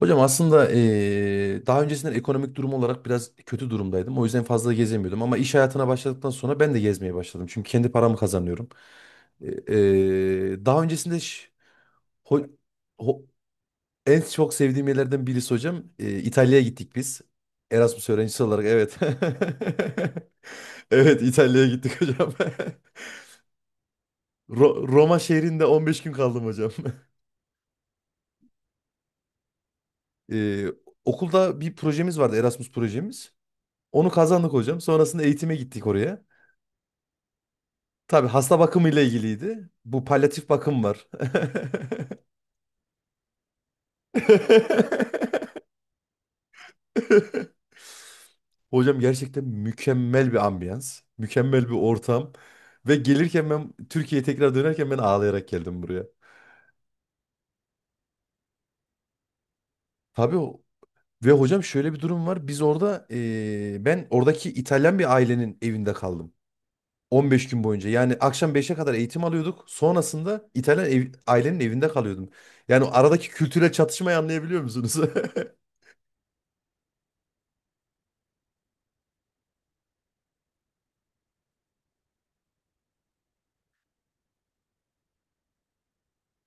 Hocam aslında daha öncesinden ekonomik durum olarak biraz kötü durumdaydım. O yüzden fazla gezemiyordum. Ama iş hayatına başladıktan sonra ben de gezmeye başladım. Çünkü kendi paramı kazanıyorum. Daha öncesinde ho- ho- en çok sevdiğim yerlerden birisi hocam. İtalya'ya gittik biz. Erasmus öğrencisi olarak, evet. Evet, İtalya'ya gittik hocam. Roma şehrinde 15 gün kaldım hocam. Eee, okulda bir projemiz vardı, Erasmus projemiz. Onu kazandık hocam. Sonrasında eğitime gittik oraya. Tabii hasta bakımıyla ilgiliydi. Bu palyatif bakım var. Hocam gerçekten mükemmel bir ambiyans, mükemmel bir ortam ve gelirken, ben Türkiye'ye tekrar dönerken ben ağlayarak geldim buraya. Tabii o- ve hocam şöyle bir durum var. Biz orada ben oradaki İtalyan bir ailenin evinde kaldım. 15 gün boyunca. Yani akşam 5'e kadar eğitim alıyorduk. Sonrasında ailenin evinde kalıyordum. Yani aradaki kültürel çatışmayı anlayabiliyor musunuz?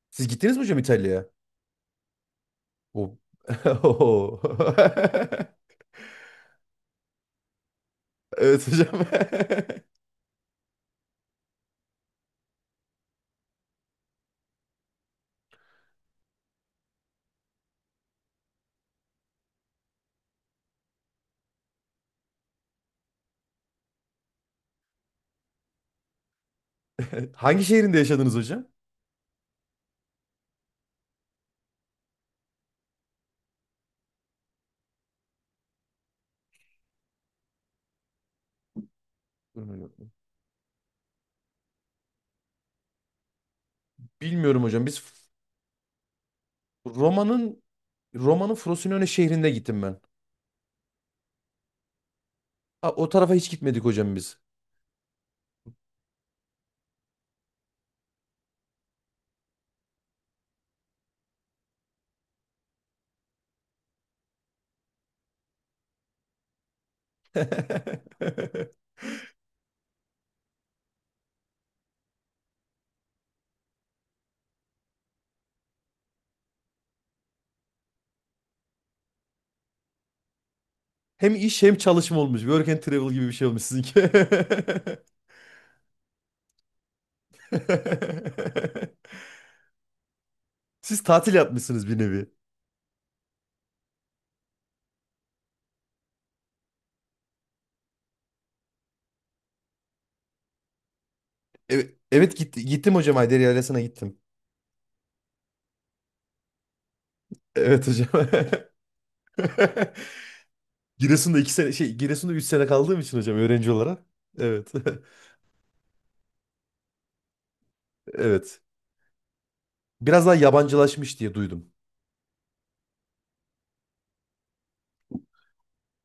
Siz gittiniz mi hocam İtalya'ya? O. Oo. Evet hocam. Hangi şehrinde yaşadınız hocam? Bilmiyorum hocam. Biz Roma'nın Roma'nın Frosinone şehrinde gittim ben. Ha, o tarafa hiç gitmedik hocam biz. Hem iş hem çalışma olmuş. Work and travel gibi bir şey olmuş sizinki. Siz tatil yapmışsınız bir nevi. Evet, evet gittim hocam, Haydari Yaylası'na gittim. Evet hocam. Giresun'da üç sene kaldığım için hocam, öğrenci olarak. Evet. Evet. Biraz daha yabancılaşmış diye duydum.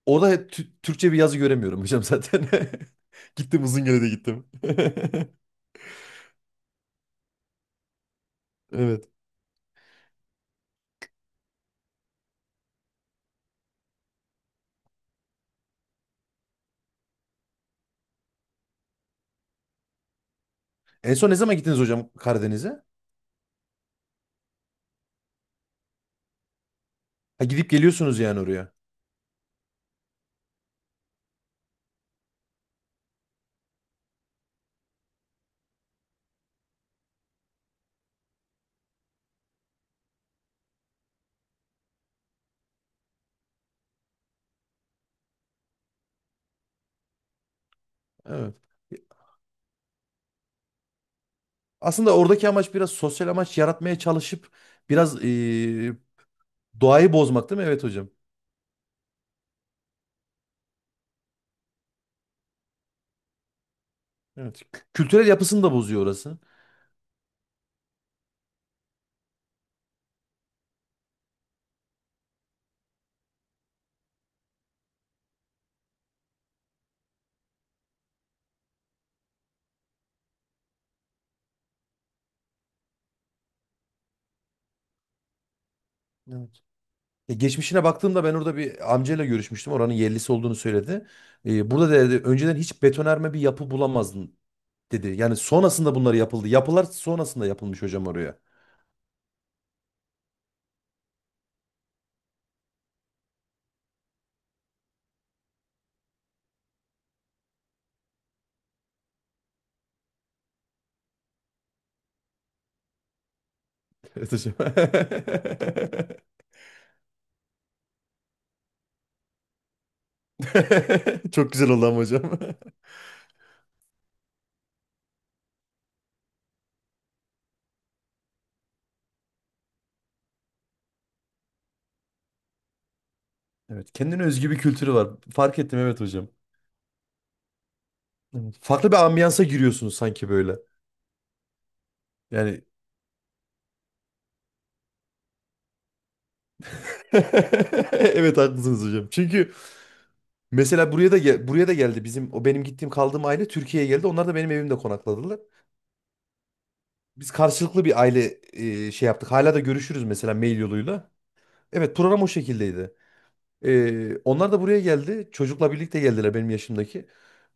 Orada hep Türkçe bir yazı göremiyorum hocam zaten. Gittim, Uzungöl'e de gittim. Evet. En son ne zaman gittiniz hocam Karadeniz'e? Ha, gidip geliyorsunuz yani oraya. Evet. Aslında oradaki amaç biraz sosyal amaç yaratmaya çalışıp biraz doğayı bozmak değil mi? Evet hocam. Evet. Kültürel yapısını da bozuyor orası. Evet. E, geçmişine baktığımda ben orada bir amcayla görüşmüştüm. Oranın yerlisi olduğunu söyledi. E, burada dedi önceden hiç betonarme bir yapı bulamazdın dedi. Yani sonrasında bunları yapıldı. Yapılar sonrasında yapılmış hocam oraya. Evet hocam. Çok güzel oldu ama hocam. Evet, kendine özgü bir kültürü var. Fark ettim, evet hocam. Evet. Farklı bir ambiyansa giriyorsunuz sanki böyle. Yani evet haklısınız hocam. Çünkü mesela buraya da geldi bizim o benim gittiğim kaldığım aile, Türkiye'ye geldi. Onlar da benim evimde konakladılar. Biz karşılıklı bir aile, e, şey yaptık. Hala da görüşürüz mesela mail yoluyla. Evet, program o şekildeydi. Onlar da buraya geldi. Çocukla birlikte geldiler benim yaşımdaki.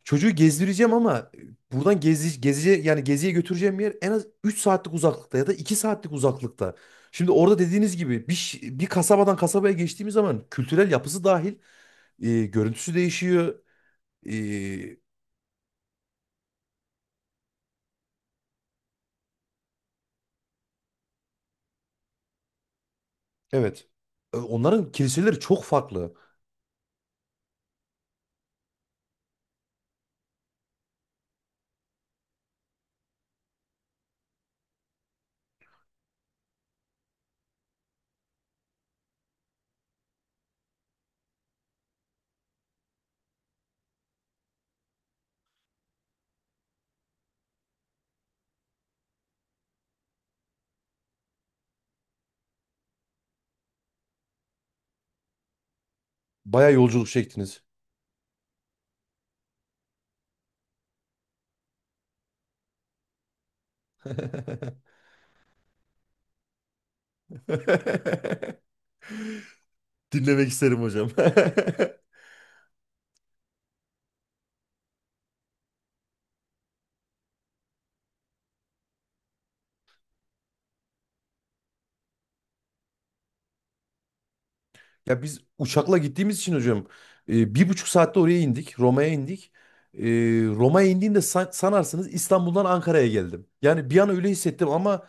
Çocuğu gezdireceğim ama buradan geziye, yani geziye götüreceğim yer en az 3 saatlik uzaklıkta ya da iki saatlik uzaklıkta. Şimdi orada dediğiniz gibi bir kasabadan kasabaya geçtiğimiz zaman kültürel yapısı dahil, e, görüntüsü değişiyor. E, evet. E, onların kiliseleri çok farklı. Baya yolculuk çektiniz. Dinlemek isterim hocam. Ya biz uçakla gittiğimiz için hocam, e, bir buçuk saatte oraya indik. Roma'ya indik. E, Roma'ya indiğimde sanarsınız İstanbul'dan Ankara'ya geldim. Yani bir an öyle hissettim ama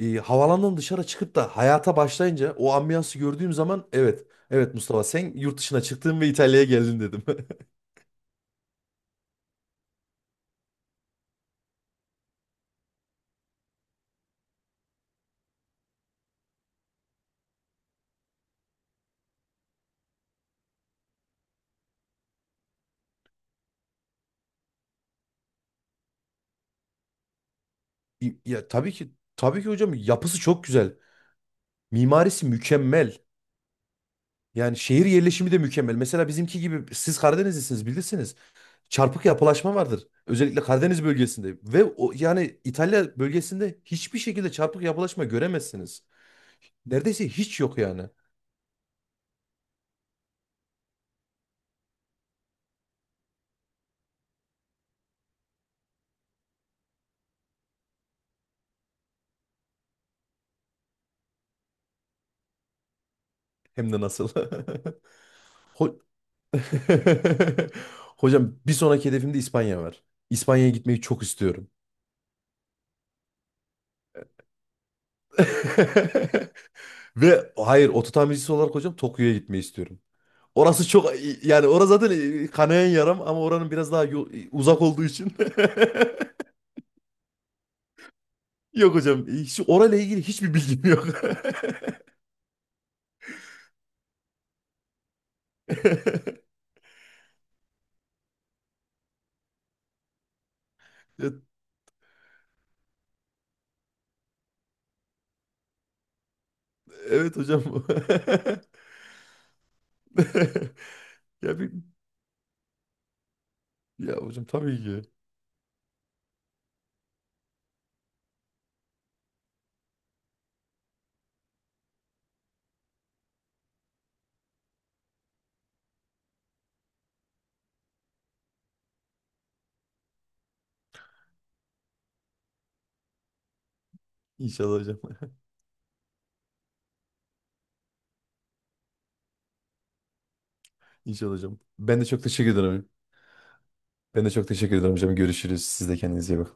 e, havalandan dışarı çıkıp da hayata başlayınca o ambiyansı gördüğüm zaman, evet evet, Mustafa sen yurt dışına çıktın ve İtalya'ya geldin dedim. Ya tabii ki tabii ki hocam, yapısı çok güzel. Mimarisi mükemmel. Yani şehir yerleşimi de mükemmel. Mesela bizimki gibi, siz Karadenizlisiniz, bilirsiniz. Çarpık yapılaşma vardır. Özellikle Karadeniz bölgesinde ve o, yani İtalya bölgesinde hiçbir şekilde çarpık yapılaşma göremezsiniz. Neredeyse hiç yok yani. Hem de nasıl. Ho- hocam bir sonraki hedefimde İspanya var. İspanya'ya gitmeyi çok istiyorum. Ve hayır, ototamircisi olarak hocam Tokyo'ya gitmeyi istiyorum. Orası çok, yani orası zaten, e, kanayan yaram ama oranın biraz daha uzak olduğu için. Yok hocam, hiç orayla ilgili hiçbir bilgim yok. Ya, evet hocam. Ya bir, ya hocam tabii ki. İnşallah hocam. İnşallah hocam. Ben de çok teşekkür ederim. Ben de çok teşekkür ederim hocam. Görüşürüz. Siz de kendinize iyi bakın.